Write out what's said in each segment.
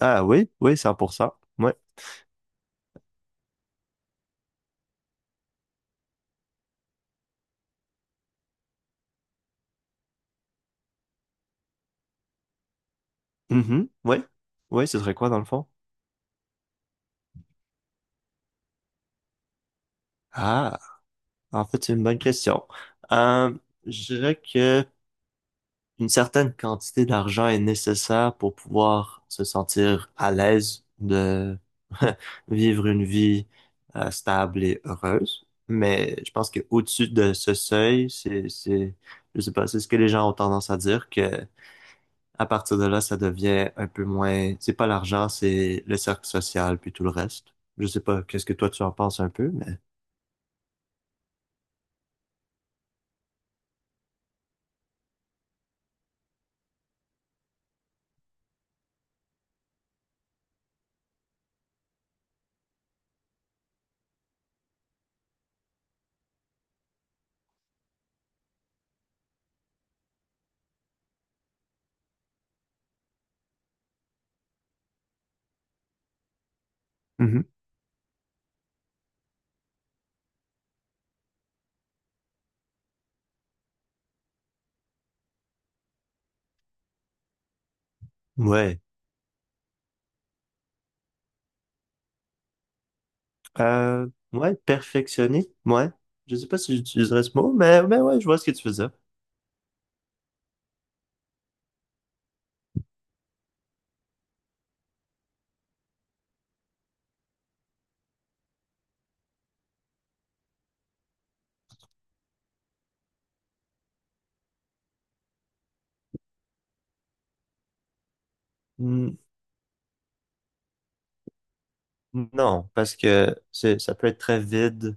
Ah oui, oui, 100%. Ouais. Mhm. Ouais. Ouais, ce serait quoi dans le fond? Ah, en fait, c'est une bonne question. Euh, je dirais que une certaine quantité d'argent est nécessaire pour pouvoir se sentir à l'aise de vivre une vie stable et heureuse. Mais je pense que au-dessus de ce seuil, je sais pas, c'est ce que les gens ont tendance à dire que à partir de là, ça devient un peu moins, c'est pas l'argent, c'est le cercle social, puis tout le reste. Je sais pas, qu'est-ce que toi tu en penses un peu, mais Mhm. Ouais. Euh, ouais, perfectionner, ouais. Je sais pas si j'utiliserais ce mot, mais ouais, je vois ce que tu veux dire. Hmm. Non, parce que ça peut être très vide.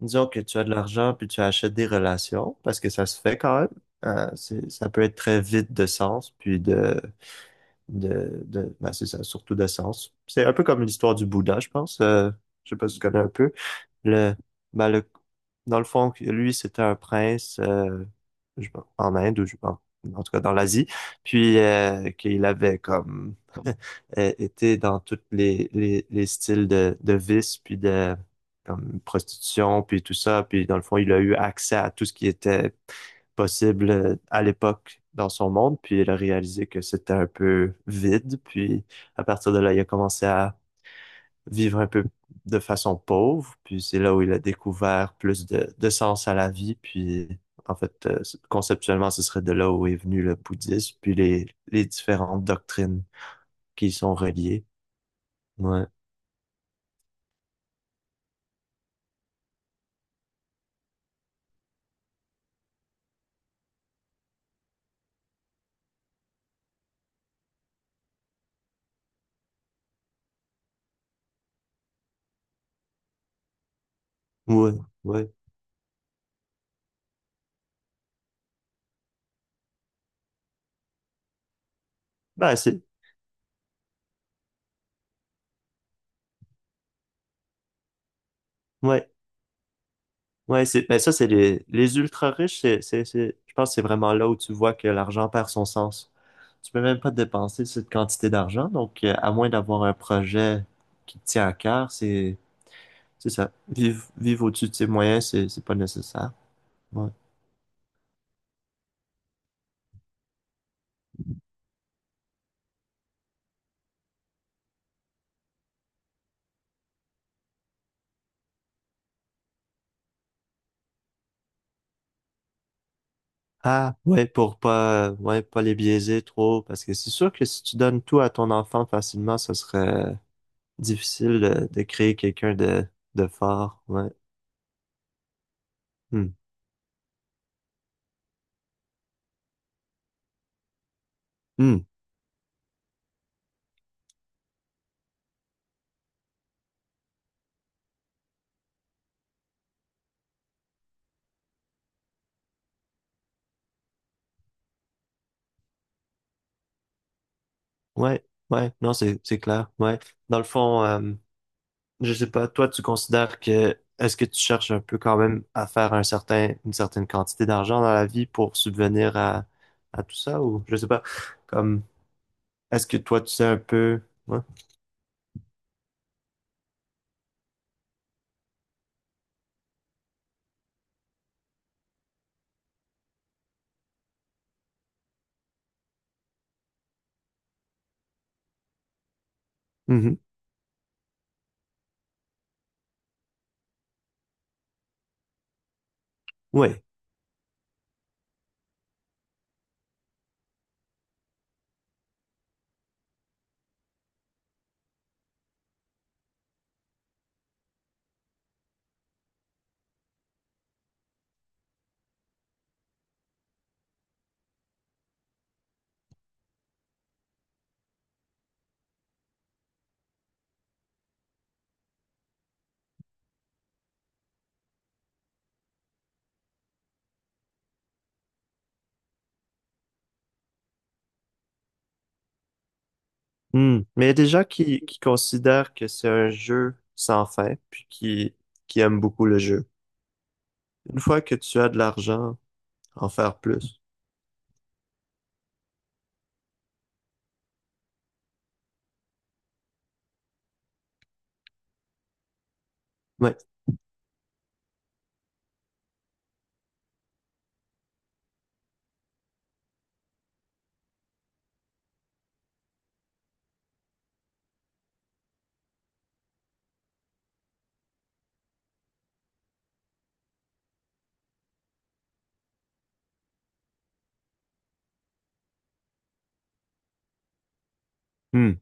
Disons que tu as de l'argent, puis tu achètes des relations, parce que ça se fait quand même. Ça peut être très vide de sens, puis c'est ça, surtout d'essence. C'est un peu comme l'histoire du Bouddha, je pense. Je sais pas si tu connais un peu. Le, ben, le, dans le fond, lui, c'était un prince sais pas, en Inde ou en tout cas dans l'Asie, puis qu'il avait comme été dans tous les styles de vice, puis de comme prostitution, puis tout ça, puis dans le fond, il a eu accès à tout ce qui était possible à l'époque dans son monde, puis il a réalisé que c'était un peu vide, puis à partir de là, il a commencé à vivre un peu de façon pauvre, puis c'est là où il a découvert plus de sens à la vie, puis en fait, euh, conceptuellement, ce serait de là où est venu le bouddhisme, puis les différentes doctrines qui y sont reliées. Ouais, ouais, ouais. Ben, c'est, ouais. Ouais, ben ça, c'est les ultra riches, je pense que c'est vraiment là où tu vois que l'argent perd son sens. Tu peux même pas dépenser cette quantité d'argent. Donc, à moins d'avoir un projet qui te tient à cœur, c'est ça. Vivre au-dessus de ses moyens, c'est pas nécessaire. Ouais. Ah, ouais, pour pas, ouais, pas les biaiser trop, parce que c'est sûr que si tu donnes tout à ton enfant facilement, ce serait difficile de créer quelqu'un de fort. Ouais. Hmm. Hmm. Ouais. Ouais. Non, c'est clair. Ouais. Dans le fond, je sais pas, toi, tu considères que est-ce que tu cherches un peu quand même à faire un certain, une certaine quantité d'argent dans la vie pour subvenir à tout ça ou je sais pas, comme est-ce que toi tu sais un peu ouais. Mhm. Ouais. Hmm. Mais il y a des gens qui considèrent que c'est un jeu sans fin puis qui aiment beaucoup le jeu. Une fois que tu as de l'argent, en faire plus. Ouais. Hmm.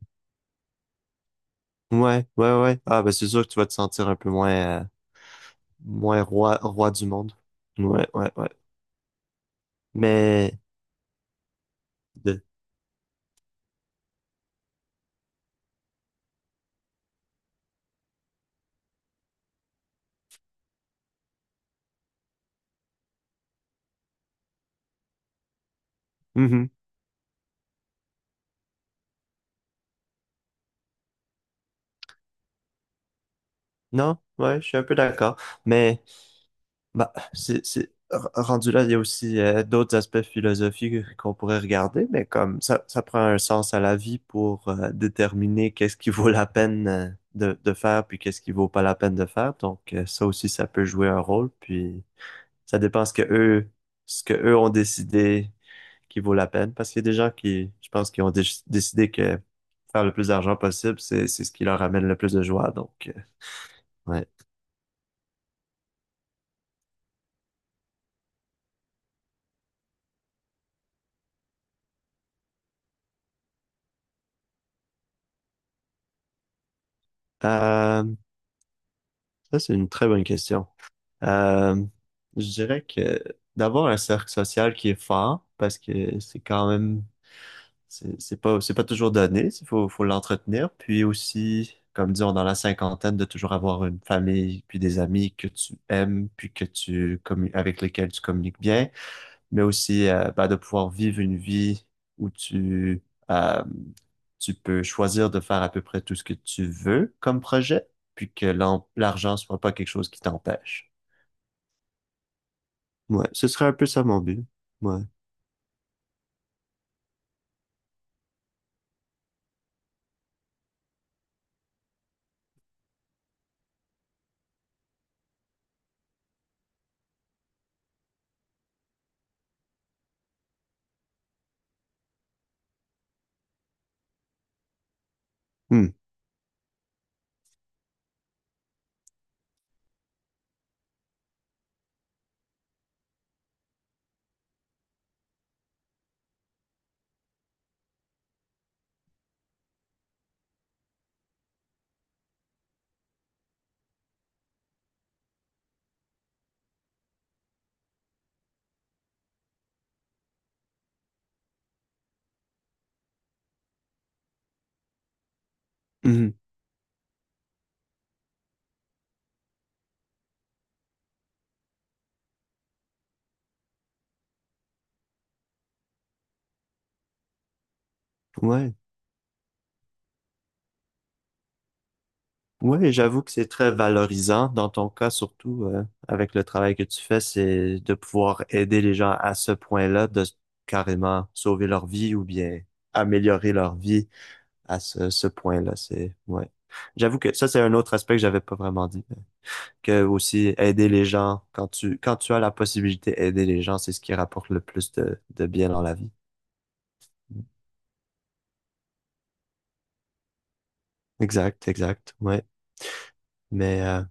Ouais, ouais, ouais. Ah ben c'est sûr que tu vas te sentir un peu moins moins roi du monde. Ouais, ouais, ouais. Mais de... Mhm. Non, ouais, je suis un peu d'accord. Mais bah, r- rendu là, il y a aussi d'autres aspects philosophiques qu'on pourrait regarder, mais comme ça prend un sens à la vie pour déterminer qu'est-ce qui vaut la peine de faire, puis qu'est-ce qui vaut pas la peine de faire. Donc ça aussi, ça peut jouer un rôle. Puis ça dépend ce que eux ont décidé qui vaut la peine, parce qu'il y a des gens qui, je pense, qui ont décidé que faire le plus d'argent possible, c'est ce qui leur amène le plus de joie. Donc ouais. Euh, ça, c'est une très bonne question. Euh, je dirais que d'avoir un cercle social qui est fort, parce que c'est quand même, c'est pas toujours donné, faut l'entretenir. Puis aussi, comme disons, dans la cinquantaine, de toujours avoir une famille, puis des amis que tu aimes, puis que tu avec lesquels tu communiques bien. Mais aussi bah, de pouvoir vivre une vie où euh, tu peux choisir de faire à peu près tout ce que tu veux comme projet, puis que l'argent soit pas quelque chose qui t'empêche. Ouais, ce serait un peu ça mon but. Ouais. Hmm. Mhm. Ouais. Ouais, j'avoue que c'est très valorisant dans ton cas, surtout avec le travail que tu fais, c'est de pouvoir aider les gens à ce point-là, carrément sauver leur vie ou bien améliorer leur vie à ce point-là. C'est, ouais. J'avoue que ça, c'est un autre aspect que j'avais pas vraiment dit. Que aussi, aider les gens, quand quand tu as la possibilité aider les gens, c'est ce qui rapporte le plus de bien dans la vie. Exact, exact. Ouais. Mais, euh,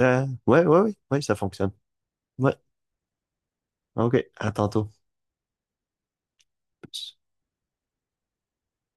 euh, ouais, ouais, ouais, ouais, ça fonctionne. Ouais. OK. À tantôt.